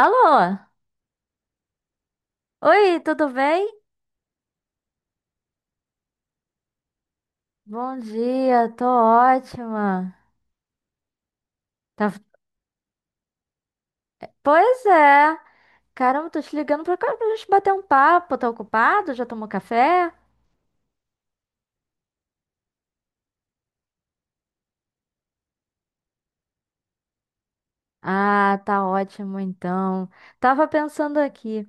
Alô? Oi, tudo bem? Bom dia, tô ótima. Tá- Pois é. Caramba, tô te ligando pra cá pra gente bater um papo. Tá ocupado? Já tomou café? Ah, tá ótimo então. Tava pensando aqui.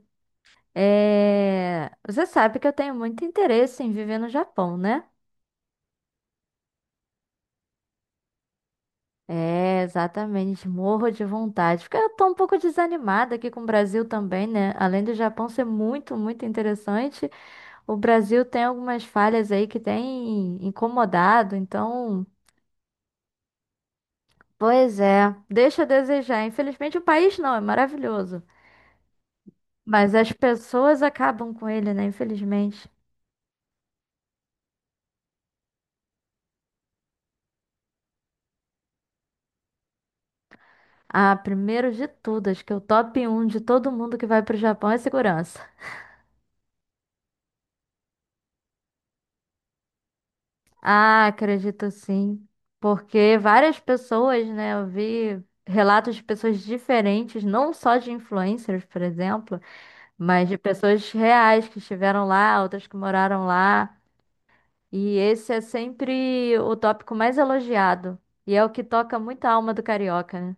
Você sabe que eu tenho muito interesse em viver no Japão, né? É, exatamente. Morro de vontade. Porque eu tô um pouco desanimada aqui com o Brasil também, né? Além do Japão ser muito interessante. O Brasil tem algumas falhas aí que tem incomodado, então, pois é, deixa a desejar. Infelizmente, o país não, é maravilhoso. Mas as pessoas acabam com ele, né? Infelizmente. Ah, primeiro de tudo, acho que o top um de todo mundo que vai para o Japão é segurança. Ah, acredito sim. Porque várias pessoas, né? Eu vi relatos de pessoas diferentes, não só de influencers, por exemplo, mas de pessoas reais que estiveram lá, outras que moraram lá. E esse é sempre o tópico mais elogiado. E é o que toca muito a alma do carioca, né?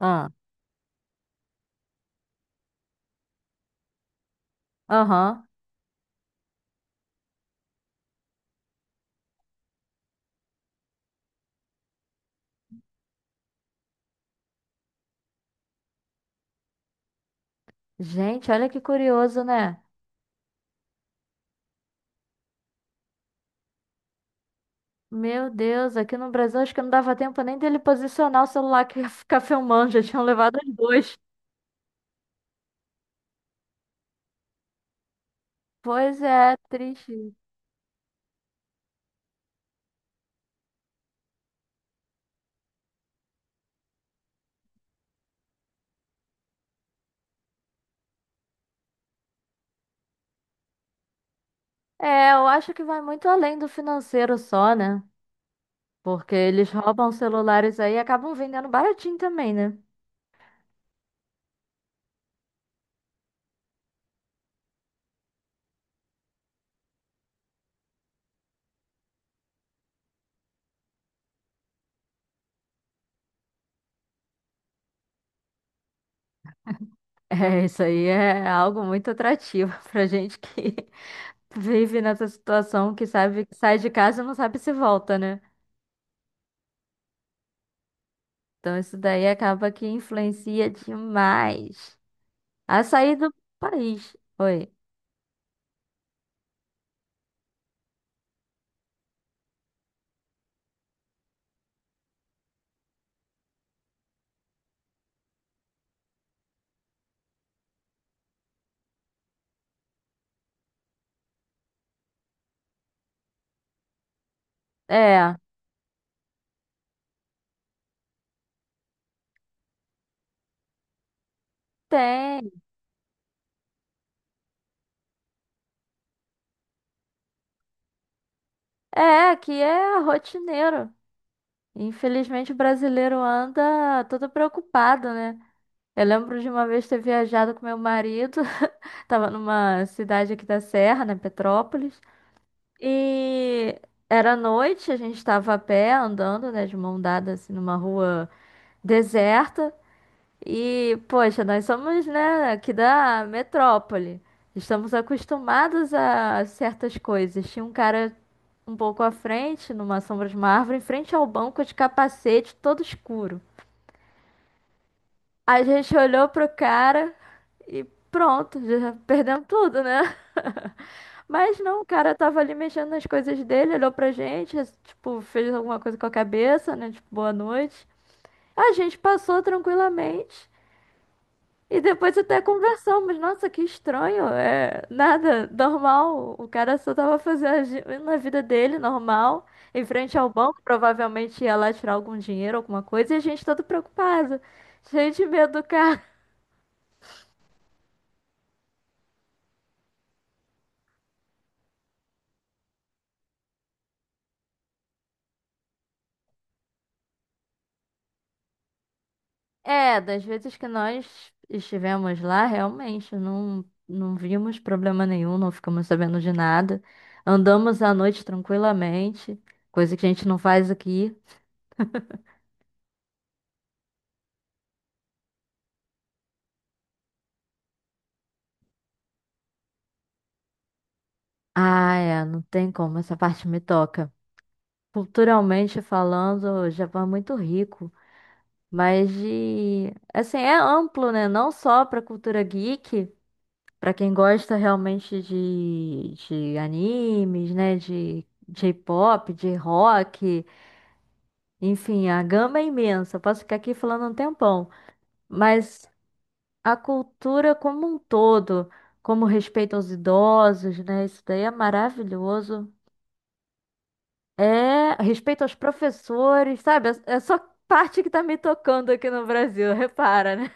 Ah, aham. Gente, olha que curioso, né? Meu Deus, aqui no Brasil acho que não dava tempo nem dele posicionar o celular que ia ficar filmando, já tinham levado os dois. Pois é, triste. É, eu acho que vai muito além do financeiro só, né? Porque eles roubam celulares aí e acabam vendendo baratinho também, né? É, isso aí é algo muito atrativo pra gente que vive nessa situação que sabe que sai de casa e não sabe se volta, né? Então isso daí acaba que influencia demais a sair do país. Oi. É, tem. É, aqui é rotineiro. Infelizmente o brasileiro anda todo preocupado, né? Eu lembro de uma vez ter viajado com meu marido, tava numa cidade aqui da Serra, né, Petrópolis, e era noite, a gente tava a pé andando, né, de mão dada assim numa rua deserta e, poxa, nós somos, né, aqui da metrópole. Estamos acostumados a certas coisas. Tinha um cara um pouco à frente, numa sombra de uma árvore, em frente ao banco de capacete, todo escuro. A gente olhou pro cara e pronto, já perdemos tudo, né? Mas não, o cara tava ali mexendo nas coisas dele, olhou pra gente, tipo, fez alguma coisa com a cabeça, né? Tipo, boa noite. A gente passou tranquilamente. E depois até conversamos, nossa, que estranho, é nada, normal, o cara só tava fazendo na vida dele, normal, em frente ao banco, provavelmente ia lá tirar algum dinheiro, alguma coisa, e a gente todo preocupado, cheio de medo do cara. É, das vezes que nós estivemos lá, realmente, não, não vimos problema nenhum, não ficamos sabendo de nada, andamos à noite tranquilamente, coisa que a gente não faz aqui. Ah, é, não tem como, essa parte me toca. Culturalmente falando, o Japão é muito rico, mas de, assim, é amplo, né? Não só para cultura geek, para quem gosta realmente de animes, né? De J-pop, de rock, enfim, a gama é imensa. Eu posso ficar aqui falando um tempão, mas a cultura como um todo, como respeito aos idosos, né? Isso daí é maravilhoso. É, respeito aos professores, sabe? É só parte que tá me tocando aqui no Brasil, repara, né?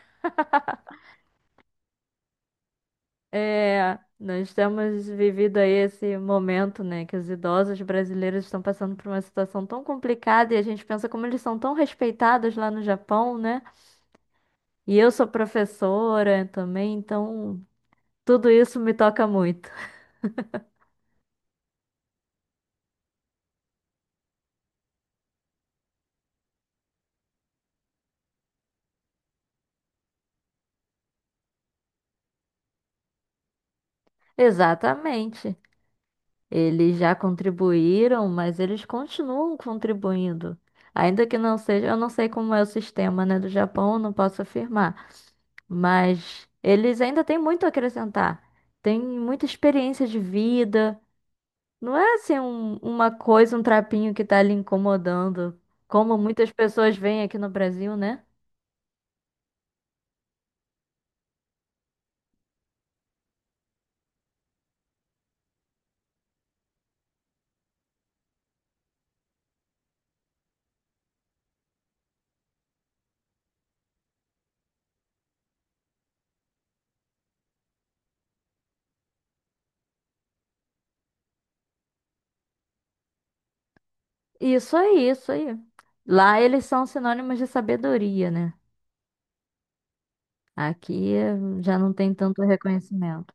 É, nós temos vivido aí esse momento, né, que os idosos brasileiros estão passando por uma situação tão complicada e a gente pensa como eles são tão respeitados lá no Japão, né? E eu sou professora também, então tudo isso me toca muito. Exatamente. Eles já contribuíram, mas eles continuam contribuindo. Ainda que não seja, eu não sei como é o sistema, né, do Japão, não posso afirmar, mas eles ainda têm muito a acrescentar. Tem muita experiência de vida. Não é assim uma coisa, um trapinho que tá ali incomodando, como muitas pessoas veem aqui no Brasil, né? Isso aí, isso aí. Lá eles são sinônimos de sabedoria, né? Aqui já não tem tanto reconhecimento.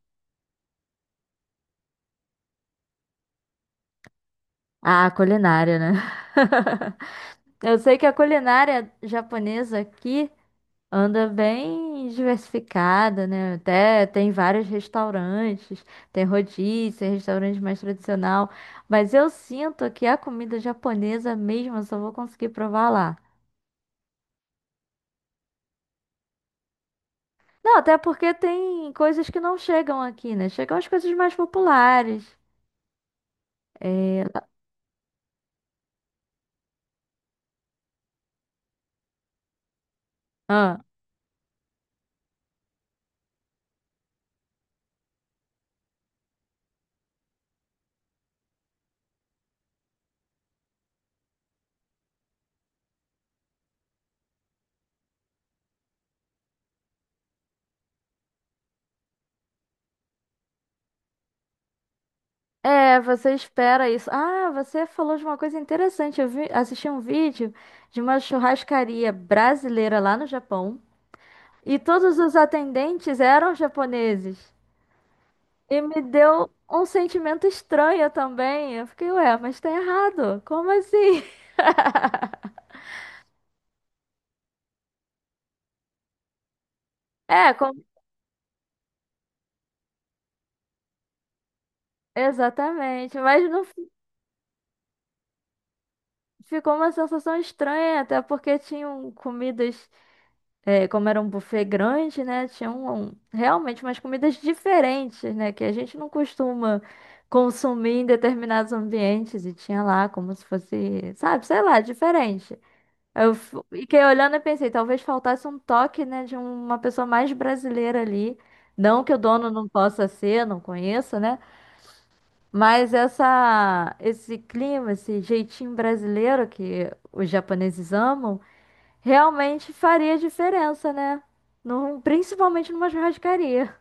Ah, culinária, né? Eu sei que a culinária japonesa aqui anda bem diversificada, né? Até tem vários restaurantes, tem rodízio, restaurante mais tradicional, mas eu sinto que a comida japonesa mesmo eu só vou conseguir provar lá. Não, até porque tem coisas que não chegam aqui, né? Chegam as coisas mais populares. É... ah, é, você espera isso. Ah, você falou de uma coisa interessante. Eu vi, assisti um vídeo de uma churrascaria brasileira lá no Japão e todos os atendentes eram japoneses. E me deu um sentimento estranho também. Eu fiquei, ué, mas tá errado. Como assim? É, exatamente. Mas não fi- ficou uma sensação estranha, até porque tinham comidas. É, como era um buffet grande, né? Tinha realmente umas comidas diferentes, né? Que a gente não costuma consumir em determinados ambientes. E tinha lá como se fosse, sabe, sei lá, diferente. Fiquei olhando e pensei, talvez faltasse um toque, né, de uma pessoa mais brasileira ali. Não que o dono não possa ser, não conheço, né? Mas essa, esse clima, esse jeitinho brasileiro que os japoneses amam. Realmente faria diferença, né? Num, principalmente numa churrascaria.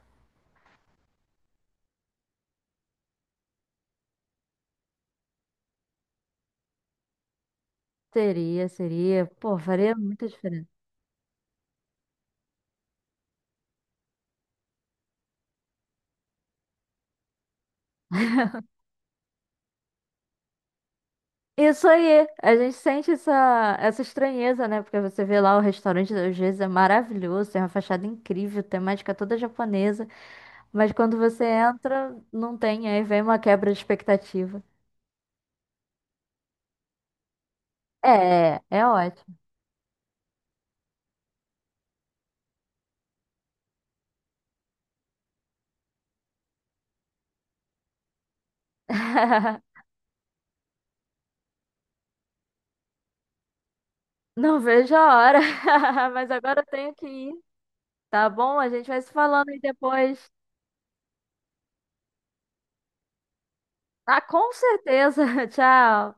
Seria, seria. Pô, faria muita diferença. Isso aí, a gente sente essa estranheza, né? Porque você vê lá o restaurante, às vezes é maravilhoso, tem uma fachada incrível, temática toda japonesa, mas quando você entra, não tem, aí vem uma quebra de expectativa. É, é ótimo. Não vejo a hora, mas agora eu tenho que ir, tá bom? A gente vai se falando aí depois. Ah, com certeza. Tchau.